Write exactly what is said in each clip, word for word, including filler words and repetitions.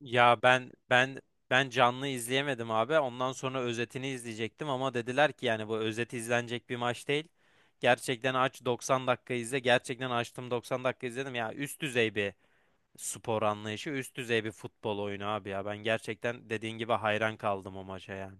Ya ben ben ben canlı izleyemedim abi. Ondan sonra özetini izleyecektim ama dediler ki yani bu özeti izlenecek bir maç değil. Gerçekten aç doksan dakika izle. Gerçekten açtım doksan dakika izledim. Ya üst düzey bir spor anlayışı, üst düzey bir futbol oyunu abi ya. Ben gerçekten dediğin gibi hayran kaldım o maça yani.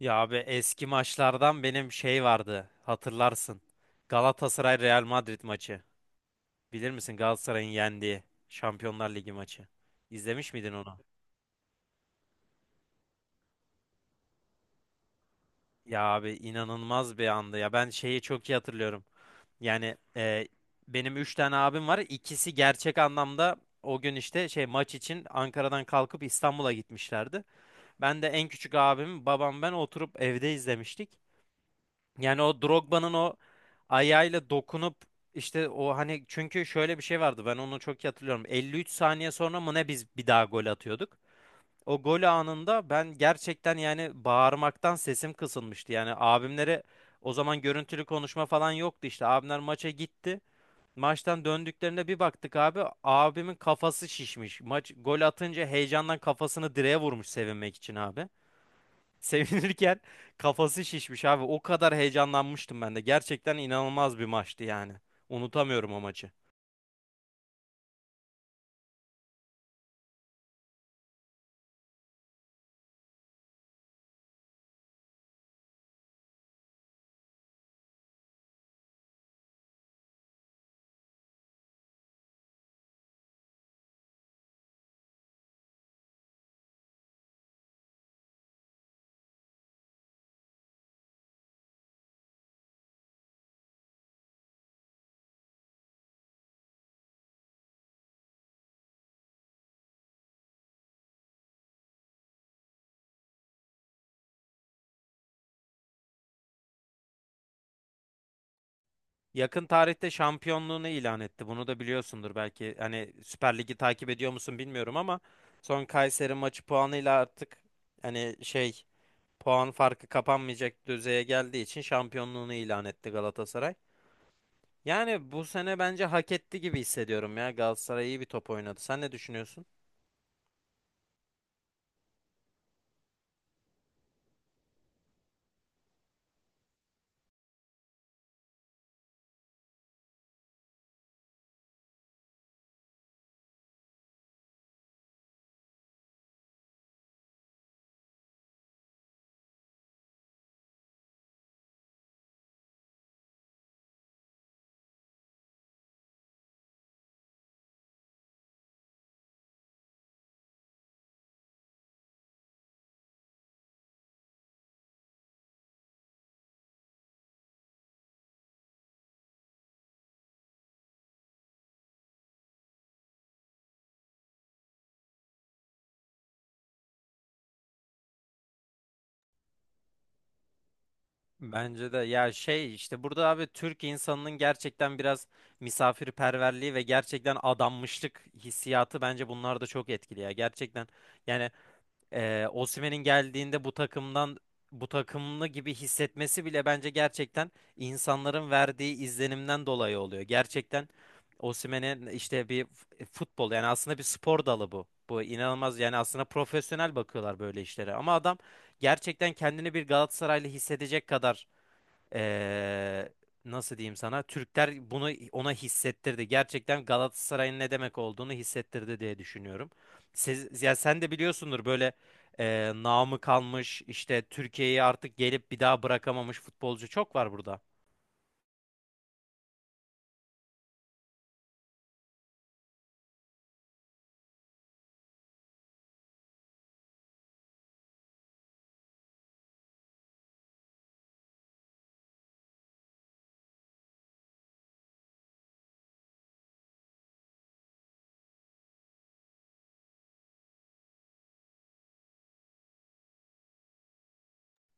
Ya abi eski maçlardan benim şey vardı. Hatırlarsın. Galatasaray Real Madrid maçı. Bilir misin Galatasaray'ın yendiği Şampiyonlar Ligi maçı. İzlemiş miydin onu? Ya abi inanılmaz bir andı ya. Ben şeyi çok iyi hatırlıyorum. Yani e, benim üç tane abim var. İkisi gerçek anlamda o gün işte şey maç için Ankara'dan kalkıp İstanbul'a gitmişlerdi. Ben de en küçük abim, babam ben oturup evde izlemiştik. Yani o Drogba'nın o ayağıyla dokunup işte o hani çünkü şöyle bir şey vardı. Ben onu çok iyi hatırlıyorum. elli üç saniye sonra mı ne biz bir daha gol atıyorduk. O gol anında ben gerçekten yani bağırmaktan sesim kısılmıştı. Yani abimlere o zaman görüntülü konuşma falan yoktu işte. Abimler maça gitti. Maçtan döndüklerinde bir baktık abi abimin kafası şişmiş. Maç gol atınca heyecandan kafasını direğe vurmuş sevinmek için abi. Sevinirken kafası şişmiş abi. O kadar heyecanlanmıştım ben de. Gerçekten inanılmaz bir maçtı yani. Unutamıyorum o maçı. Yakın tarihte şampiyonluğunu ilan etti. Bunu da biliyorsundur belki. Hani Süper Lig'i takip ediyor musun bilmiyorum ama son Kayseri maçı puanıyla artık hani şey puan farkı kapanmayacak düzeye geldiği için şampiyonluğunu ilan etti Galatasaray. Yani bu sene bence hak etti gibi hissediyorum ya. Galatasaray iyi bir top oynadı. Sen ne düşünüyorsun? Bence de ya şey işte burada abi Türk insanının gerçekten biraz misafirperverliği ve gerçekten adanmışlık hissiyatı bence bunlar da çok etkili ya. Gerçekten yani Ee, Osimhen'in geldiğinde bu takımdan bu takımlı gibi hissetmesi bile bence gerçekten insanların verdiği izlenimden dolayı oluyor. Gerçekten Osimhen'in işte bir f- e, futbol yani aslında bir spor dalı bu. Bu inanılmaz yani aslında profesyonel bakıyorlar böyle işlere ama adam gerçekten kendini bir Galatasaraylı hissedecek kadar ee, nasıl diyeyim sana? Türkler bunu ona hissettirdi. Gerçekten Galatasaray'ın ne demek olduğunu hissettirdi diye düşünüyorum. Siz, ya sen de biliyorsundur böyle e, namı kalmış işte Türkiye'yi artık gelip bir daha bırakamamış futbolcu çok var burada.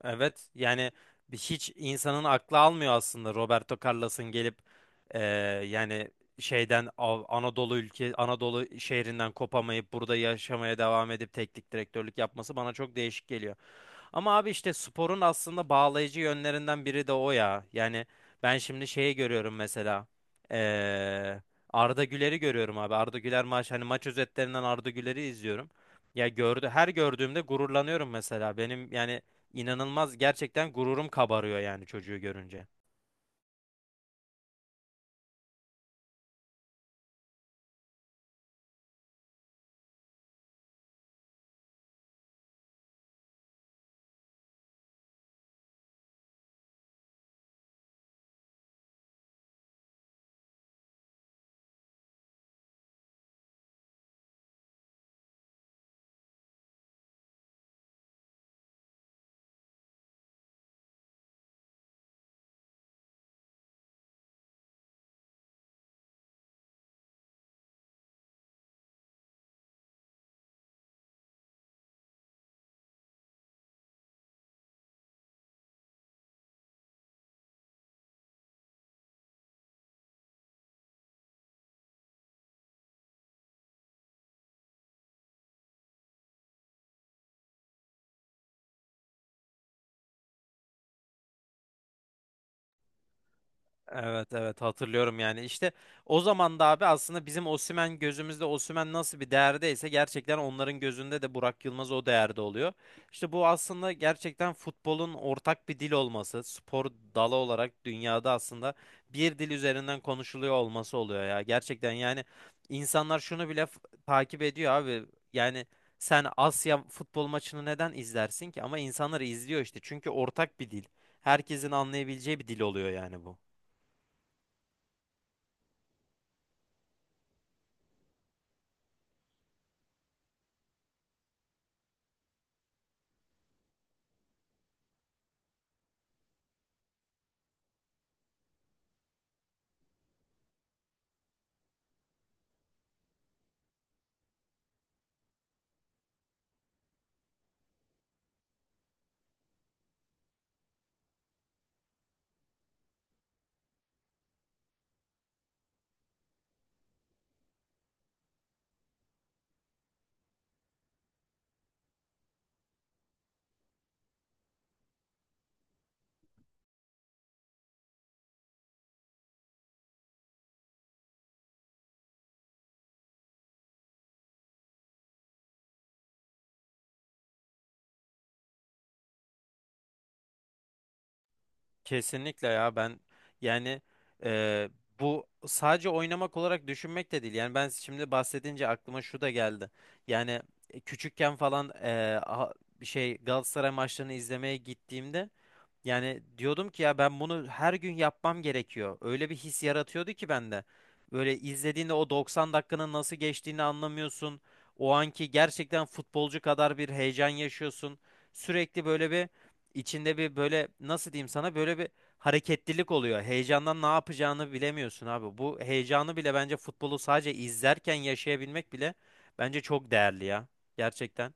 Evet yani bir- hiç insanın aklı almıyor aslında Roberto Carlos'un gelip eee, yani şeyden Av- Anadolu ülke Anadolu şehrinden kopamayıp burada yaşamaya devam edip teknik direktörlük yapması bana çok değişik geliyor. Ama abi işte sporun aslında bağlayıcı yönlerinden biri de o ya. Yani ben şimdi şeyi görüyorum mesela. eee, Arda Güler'i görüyorum abi. Arda Güler maç hani maç özetlerinden Arda Güler'i izliyorum. Ya gördü her gördüğümde gururlanıyorum mesela. Benim yani İnanılmaz gerçekten gururum kabarıyor yani çocuğu görünce. Evet evet hatırlıyorum yani işte o zaman da abi aslında bizim Osimhen gözümüzde Osimhen nasıl bir değerdeyse gerçekten onların gözünde de Burak Yılmaz o değerde oluyor. İşte bu aslında gerçekten futbolun ortak bir dil olması, spor dalı olarak dünyada aslında bir dil üzerinden konuşuluyor olması oluyor ya. Gerçekten yani insanlar şunu bile f- takip ediyor abi. Yani sen Asya futbol maçını neden izlersin ki? Ama insanlar izliyor işte çünkü ortak bir dil. Herkesin anlayabileceği bir dil oluyor yani bu. Kesinlikle ya ben yani e, bu sadece oynamak olarak düşünmek de değil. Yani ben şimdi bahsedince aklıma şu da geldi. Yani e, küçükken falan e, a- bir şey Galatasaray maçlarını izlemeye gittiğimde yani diyordum ki ya ben bunu her gün yapmam gerekiyor. Öyle bir his yaratıyordu ki bende. Böyle izlediğinde o doksan dakikanın nasıl geçtiğini anlamıyorsun. O anki gerçekten futbolcu kadar bir heyecan yaşıyorsun. Sürekli böyle bir içinde bir böyle nasıl diyeyim sana böyle bir hareketlilik oluyor. Heyecandan ne yapacağını bilemiyorsun abi. Bu heyecanı bile bence futbolu sadece izlerken yaşayabilmek bile bence çok değerli ya. Gerçekten.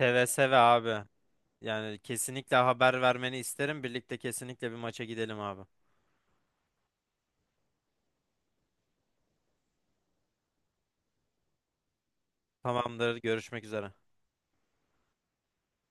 Seve seve abi. Yani kesinlikle haber vermeni isterim. Birlikte kesinlikle bir maça gidelim abi. Tamamdır. Görüşmek üzere.